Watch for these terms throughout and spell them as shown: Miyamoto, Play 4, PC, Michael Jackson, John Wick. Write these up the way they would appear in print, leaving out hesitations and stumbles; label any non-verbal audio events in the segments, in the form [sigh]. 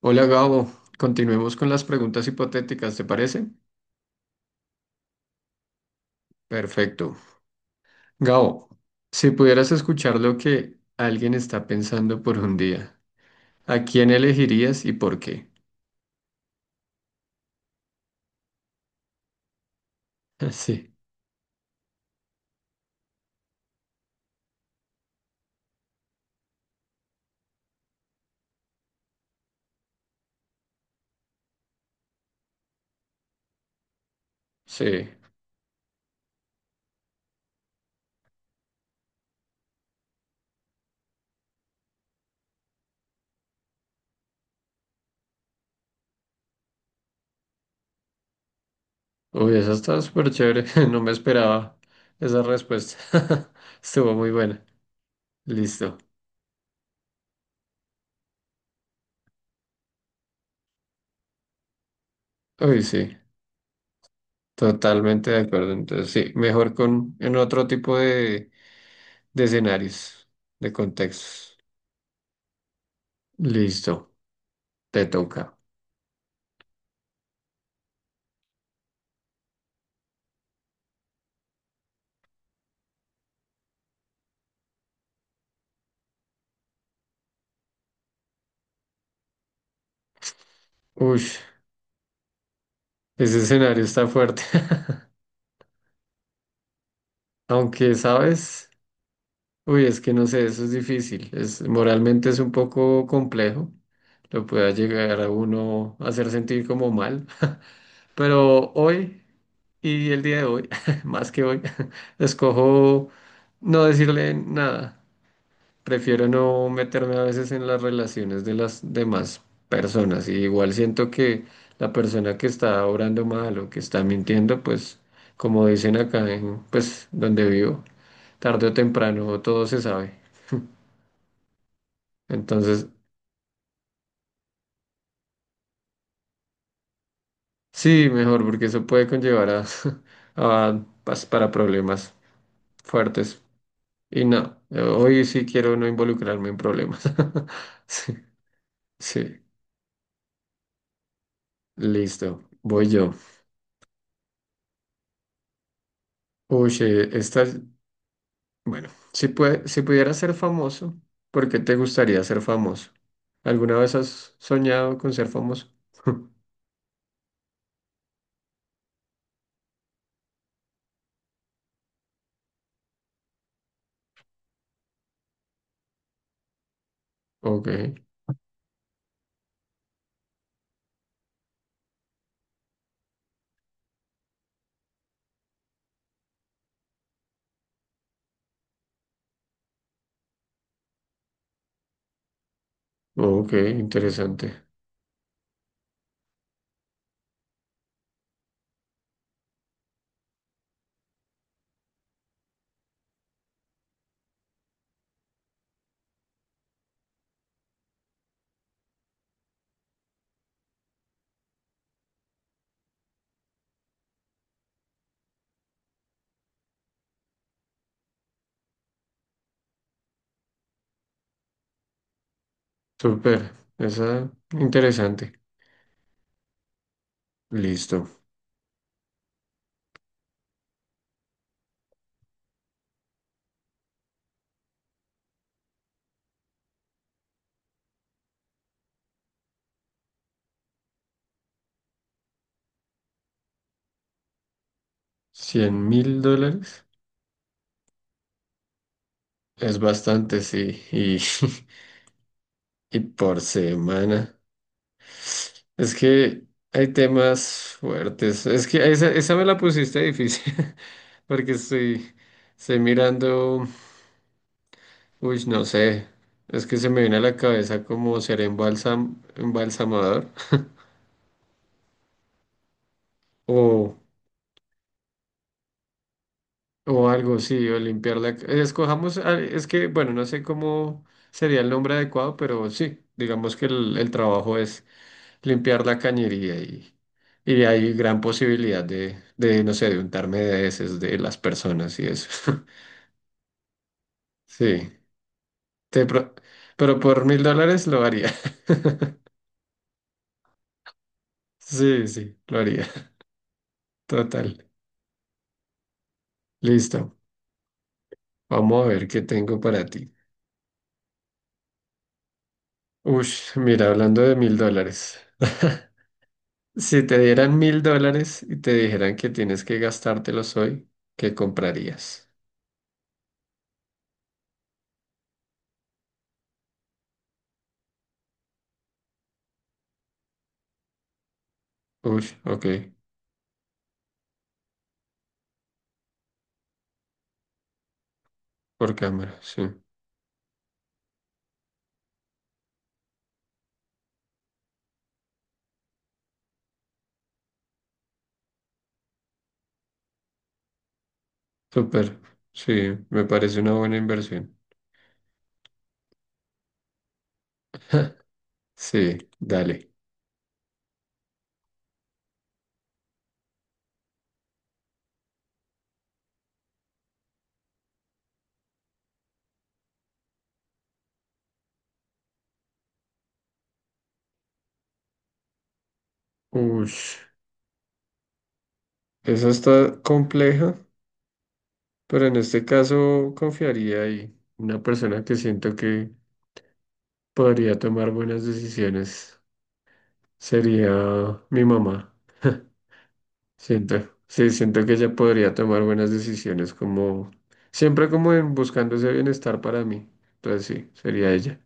Hola Gabo, continuemos con las preguntas hipotéticas, ¿te parece? Perfecto. Gabo, si pudieras escuchar lo que alguien está pensando por un día, ¿a quién elegirías y por qué? [laughs] Sí, sí. Uy, esa está súper chévere, [laughs] no me esperaba esa respuesta. [laughs] Estuvo muy buena. Listo. Uy, sí, totalmente de acuerdo. Entonces, sí, mejor con en otro tipo de escenarios, de contextos. Listo, te toca. Uy. Ese escenario está fuerte. [laughs] Aunque, ¿sabes? Uy, es que no sé, eso es difícil. Es, moralmente es un poco complejo. Lo pueda llegar a uno a hacer sentir como mal. Pero hoy y el día de hoy, [laughs] más que hoy, [laughs] escojo no decirle nada. Prefiero no meterme a veces en las relaciones de las demás personas. Y igual siento que la persona que está obrando mal o que está mintiendo, pues como dicen pues donde vivo, tarde o temprano todo se sabe. Entonces, sí, mejor porque eso puede conllevar [laughs] para problemas fuertes. Y no, hoy sí quiero no involucrarme en problemas. [laughs] Sí, sí, listo, voy yo. Uy, si pudieras ser famoso, ¿por qué te gustaría ser famoso? ¿Alguna vez has soñado con ser famoso? [laughs] Ok, ok, interesante. Súper, esa interesante. Listo. $100,000 es bastante, sí. Y, [laughs] y por semana. Es que hay temas fuertes. Es que esa me la pusiste difícil [laughs] porque estoy mirando. Uy, no sé. Es que se me viene a la cabeza como ser embalsamador o, sí, o limpiar la... Escojamos, ah, es que, bueno, no sé cómo sería el nombre adecuado, pero sí, digamos que el trabajo es limpiar la cañería y hay gran posibilidad de no sé, de untarme de heces de las personas y eso. [laughs] Sí, Te pro- pero por $1,000 lo haría. [laughs] Sí, lo haría. Total. Listo. Vamos a ver qué tengo para ti. Ush, mira, hablando de $1,000. [laughs] Si te dieran $1,000 y te dijeran que tienes que gastártelos hoy, ¿qué comprarías? Ush, ok, por cámara, sí. Súper, sí, me parece una buena inversión. Sí, dale. Ush, esa está compleja, pero en este caso confiaría ahí. Una persona que siento que podría tomar buenas decisiones sería mi mamá. [laughs] Sí, siento que ella podría tomar buenas decisiones como, siempre como en buscando ese bienestar para mí. Entonces sí, sería ella.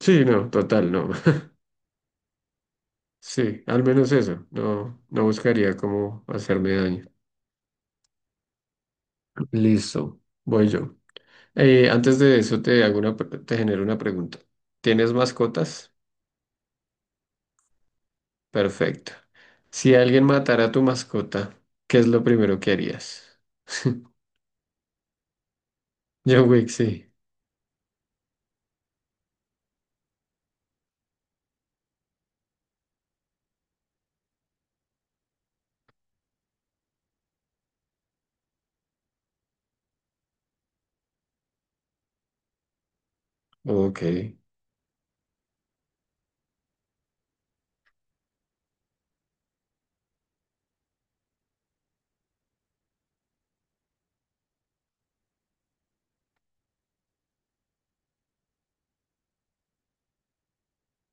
Sí, no, total, no. [laughs] Sí, al menos eso. No buscaría cómo hacerme daño. Listo, voy yo. Antes de eso te hago te genero una pregunta. ¿Tienes mascotas? Perfecto. Si alguien matara a tu mascota, ¿qué es lo primero que harías? [laughs] John Wick, sí. Ok.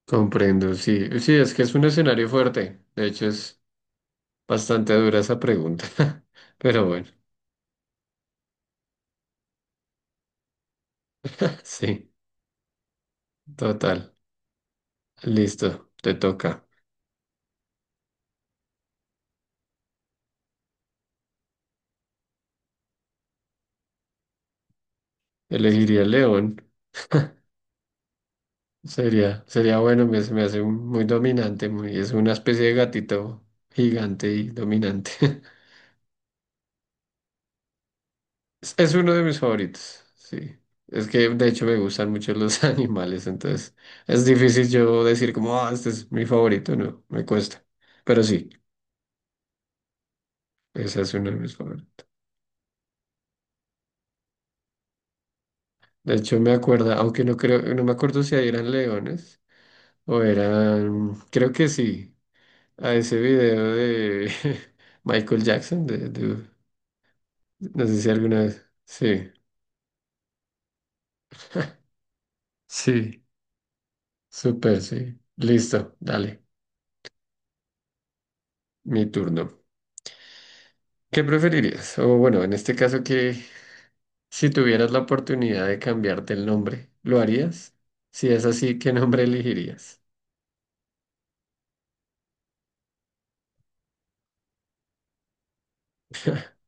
Comprendo, sí, sí, es que es un escenario fuerte. De hecho, es bastante dura esa pregunta. [laughs] Pero bueno, [laughs] sí, total. Listo, te toca. Elegiría el león. Sería bueno, me, se me hace muy dominante, muy, es una especie de gatito gigante y dominante. [laughs] Es uno de mis favoritos, sí. Es que de hecho me gustan mucho los [laughs] animales, entonces es difícil yo decir como, ah, este es mi favorito, no, me cuesta. Pero sí, ese es uno de mis favoritos. De hecho, me acuerdo, aunque no creo, no me acuerdo si ahí eran leones o eran, creo que sí, a ese video de [laughs] Michael Jackson, no sé si alguna vez. Sí, sí, súper, sí. Listo, dale, mi turno. ¿Qué preferirías? O bueno, en este caso que si tuvieras la oportunidad de cambiarte el nombre, ¿lo harías? Si es así, ¿qué nombre elegirías? [laughs]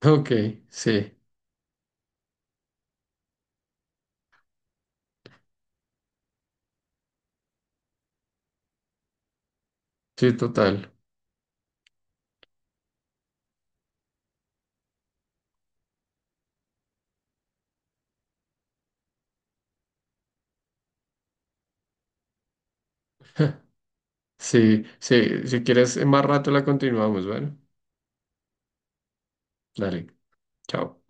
Ok, sí, sí, total. Sí, si quieres, en más rato la continuamos, ¿vale? Dale, chao.